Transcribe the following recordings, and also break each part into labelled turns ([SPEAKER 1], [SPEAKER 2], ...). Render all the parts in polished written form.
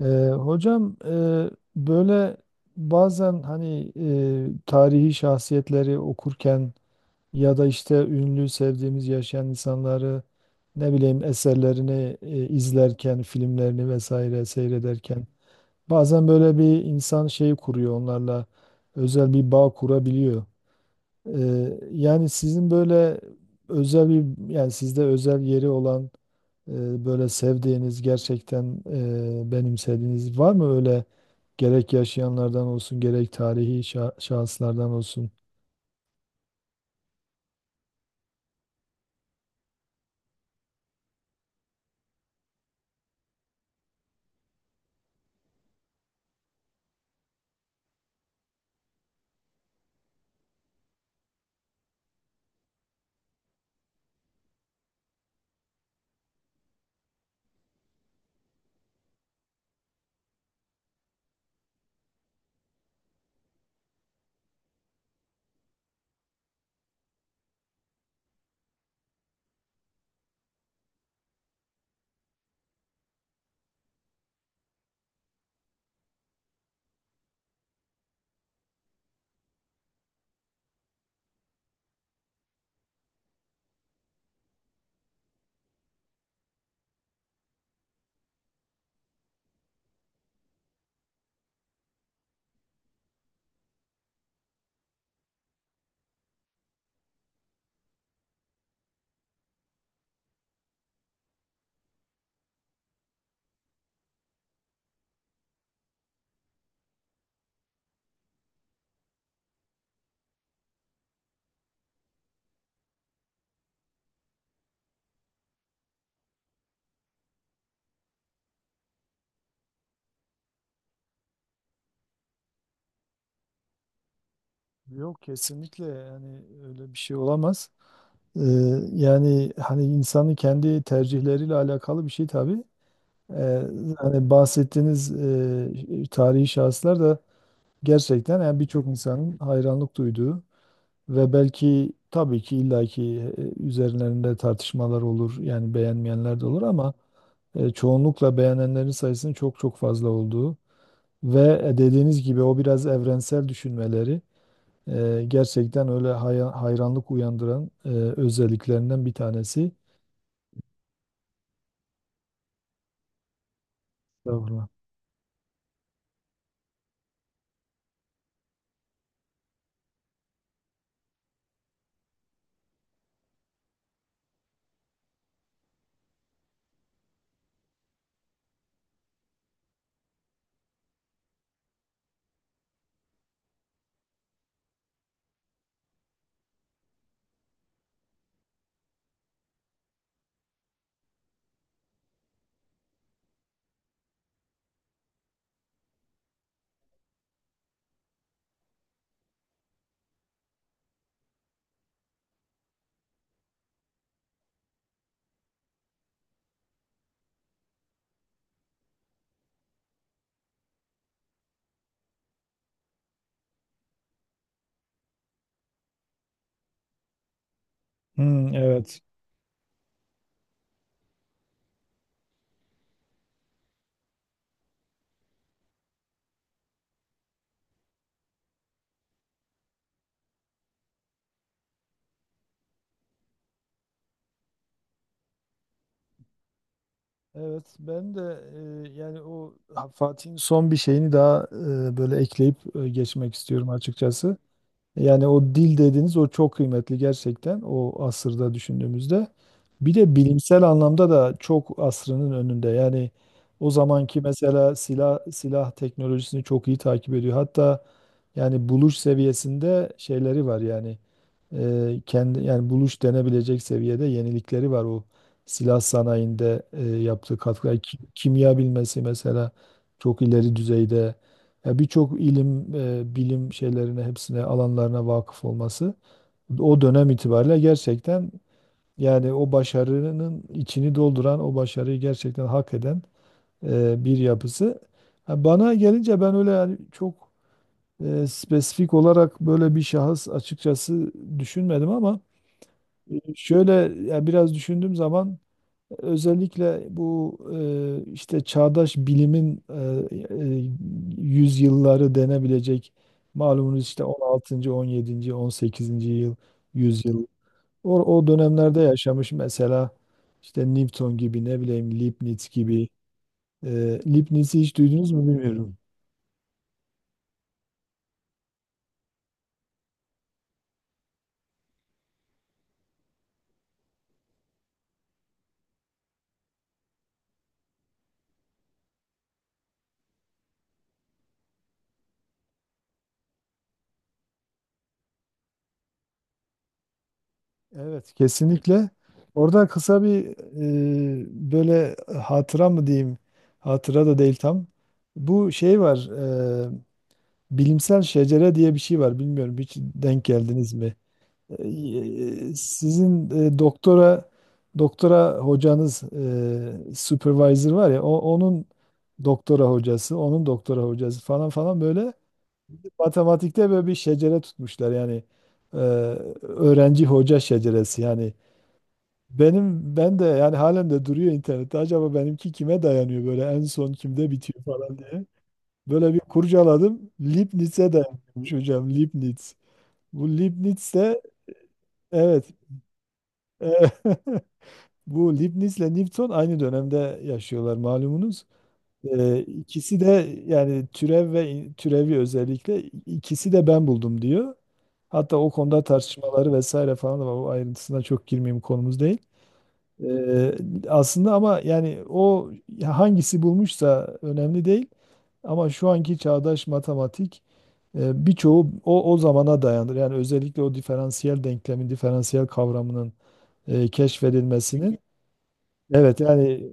[SPEAKER 1] Ee, hocam, böyle bazen hani tarihi şahsiyetleri okurken ya da işte ünlü sevdiğimiz yaşayan insanları, ne bileyim, eserlerini izlerken, filmlerini vesaire seyrederken bazen böyle bir insan şeyi kuruyor onlarla, özel bir bağ kurabiliyor. Yani sizin böyle özel bir, yani sizde özel yeri olan, böyle sevdiğiniz, gerçekten benimsediğiniz var mı, öyle gerek yaşayanlardan olsun gerek tarihi şahıslardan olsun? Yok, kesinlikle yani öyle bir şey olamaz. Ee, yani hani insanın kendi tercihleriyle alakalı bir şey tabii. Ee, hani bahsettiğiniz tarihi şahıslar da gerçekten, yani birçok insanın hayranlık duyduğu ve belki tabii ki illaki üzerlerinde tartışmalar olur. Yani beğenmeyenler de olur, ama çoğunlukla beğenenlerin sayısının çok çok fazla olduğu ve dediğiniz gibi o biraz evrensel düşünmeleri gerçekten öyle hayranlık uyandıran özelliklerinden bir tanesi. Estağfurullah. Hmm, evet. Evet, ben de yani o Fatih'in son bir şeyini daha böyle ekleyip geçmek istiyorum açıkçası. Yani o dil dediğiniz o çok kıymetli, gerçekten o asırda düşündüğümüzde. Bir de bilimsel anlamda da çok asrının önünde. Yani o zamanki mesela silah teknolojisini çok iyi takip ediyor. Hatta yani buluş seviyesinde şeyleri var, yani kendi yani buluş denebilecek seviyede yenilikleri var, o silah sanayinde yaptığı katkılar. Kimya bilmesi mesela çok ileri düzeyde. Ya birçok ilim, bilim şeylerine, hepsine, alanlarına vakıf olması o dönem itibariyle gerçekten, yani o başarının içini dolduran, o başarıyı gerçekten hak eden bir yapısı. Ha, bana gelince ben öyle yani çok spesifik olarak böyle bir şahıs açıkçası düşünmedim, ama şöyle, ya biraz düşündüğüm zaman özellikle bu işte çağdaş bilimin yüzyılları denebilecek, malumunuz işte on altıncı 17. 18. yüzyıl. O dönemlerde yaşamış mesela işte Newton gibi, ne bileyim, Leibniz gibi. Leibniz'i hiç duydunuz mu bilmiyorum. Evet, kesinlikle. Orada kısa bir böyle, hatıra mı diyeyim? Hatıra da değil tam. Bu şey var. e, Bilimsel şecere diye bir şey var. Bilmiyorum, hiç denk geldiniz mi? Sizin doktora hocanız, supervisor var ya, onun doktora hocası, onun doktora hocası falan falan, böyle matematikte böyle bir şecere tutmuşlar, yani e, öğrenci hoca şeceresi, yani benim, ben de yani halen de duruyor internette, acaba benimki kime dayanıyor, böyle en son kimde bitiyor falan diye. Böyle bir kurcaladım. Leibniz'e dayanıyormuş hocam. Leibniz. Bu Leibniz de, evet. Bu Leibniz'le Newton aynı dönemde yaşıyorlar, malumunuz. İkisi de yani türev ve türevi, özellikle ikisi de ben buldum diyor. Hatta o konuda tartışmaları vesaire falan da var. O ayrıntısına çok girmeyeyim, konumuz değil. Ee, aslında ama yani o, hangisi bulmuşsa önemli değil. Ama şu anki çağdaş matematik, birçoğu o zamana dayanır. Yani özellikle o diferansiyel denklemin, diferansiyel kavramının keşfedilmesinin. Evet yani,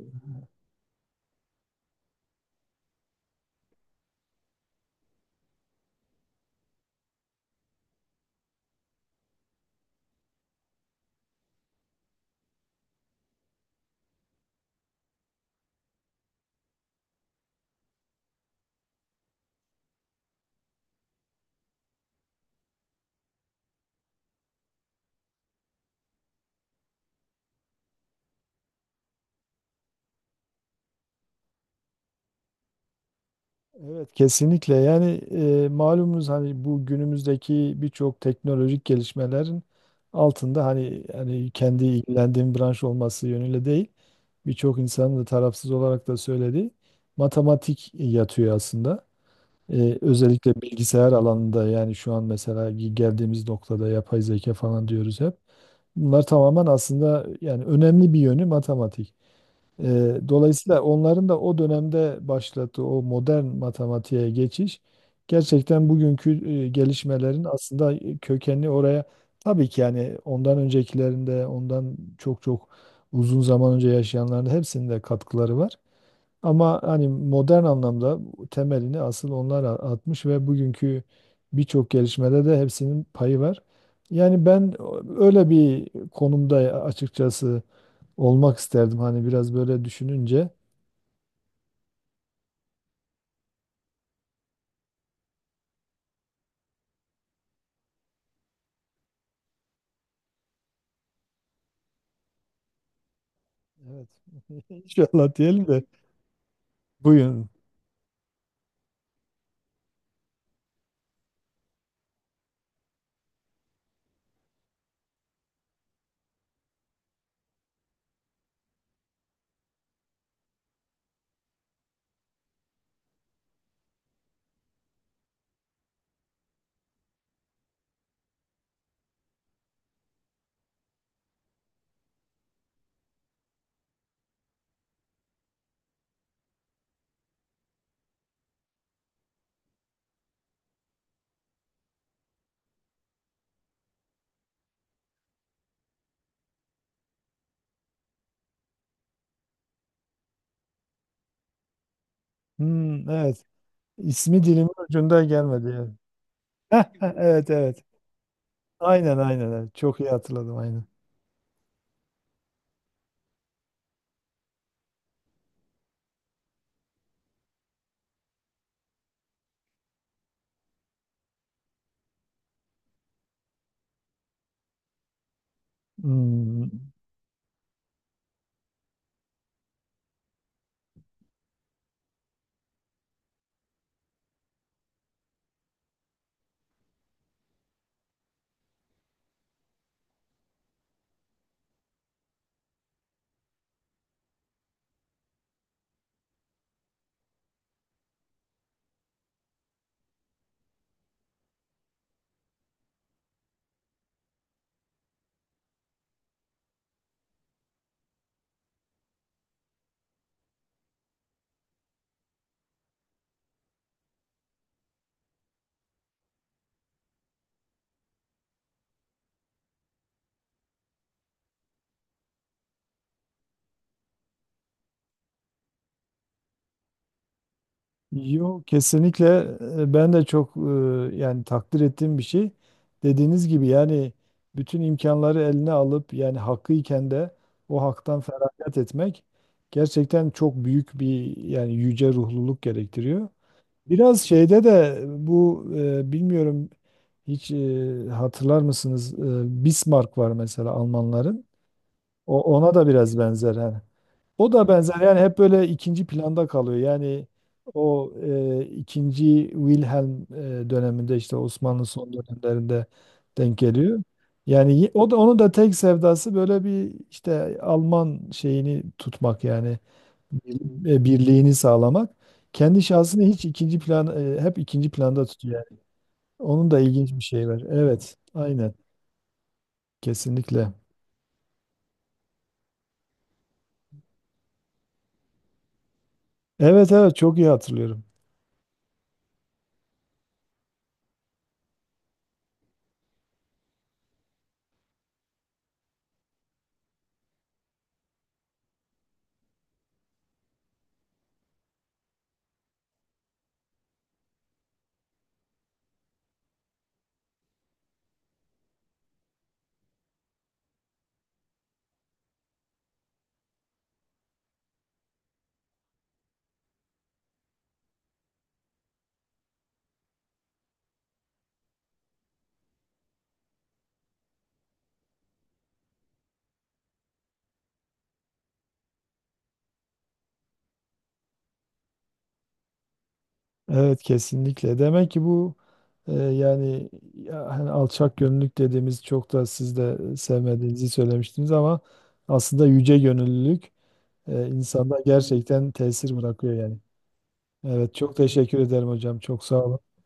[SPEAKER 1] evet kesinlikle yani malumunuz hani bu günümüzdeki birçok teknolojik gelişmelerin altında, hani kendi ilgilendiğim branş olması yönüyle değil, birçok insanın da tarafsız olarak da söylediği matematik yatıyor aslında. Özellikle bilgisayar alanında, yani şu an mesela geldiğimiz noktada yapay zeka falan diyoruz hep. Bunlar tamamen aslında, yani önemli bir yönü matematik. Dolayısıyla onların da o dönemde başlattığı o modern matematiğe geçiş, gerçekten bugünkü gelişmelerin aslında kökenli oraya, tabii ki yani ondan öncekilerinde, ondan çok çok uzun zaman önce yaşayanların hepsinde katkıları var. Ama hani modern anlamda temelini asıl onlar atmış ve bugünkü birçok gelişmede de hepsinin payı var. Yani ben öyle bir konumda açıkçası olmak isterdim, hani biraz böyle düşününce. Evet. İnşallah diyelim de, buyurun. Hmm, evet. İsmi dilimin ucunda gelmedi, yani. Evet, evet. Aynen, aynen. Evet. Çok iyi hatırladım, aynen. Hmm. Yok, kesinlikle, ben de çok yani takdir ettiğim bir şey. Dediğiniz gibi, yani bütün imkanları eline alıp yani hakkıyken de o haktan feragat etmek gerçekten çok büyük bir, yani yüce ruhluluk gerektiriyor. Biraz şeyde de bu, bilmiyorum, hiç hatırlar mısınız? Bismarck var mesela, Almanların. Ona da biraz benzer, hani. O da benzer, yani hep böyle ikinci planda kalıyor. Yani o ikinci Wilhelm döneminde işte Osmanlı son dönemlerinde denk geliyor. Yani o da, onun da tek sevdası böyle bir, işte Alman şeyini tutmak, yani birliğini sağlamak. Kendi şahsını hiç ikinci plan, hep ikinci planda tutuyor yani. Onun da ilginç bir şey var. Evet, aynen, kesinlikle. Evet, evet, çok iyi hatırlıyorum. Evet, kesinlikle. Demek ki bu yani ya, hani alçak gönüllülük dediğimiz, çok da siz de sevmediğinizi söylemiştiniz ama aslında yüce gönüllülük insanda gerçekten tesir bırakıyor yani. Evet, çok teşekkür ederim hocam. Çok sağ olun.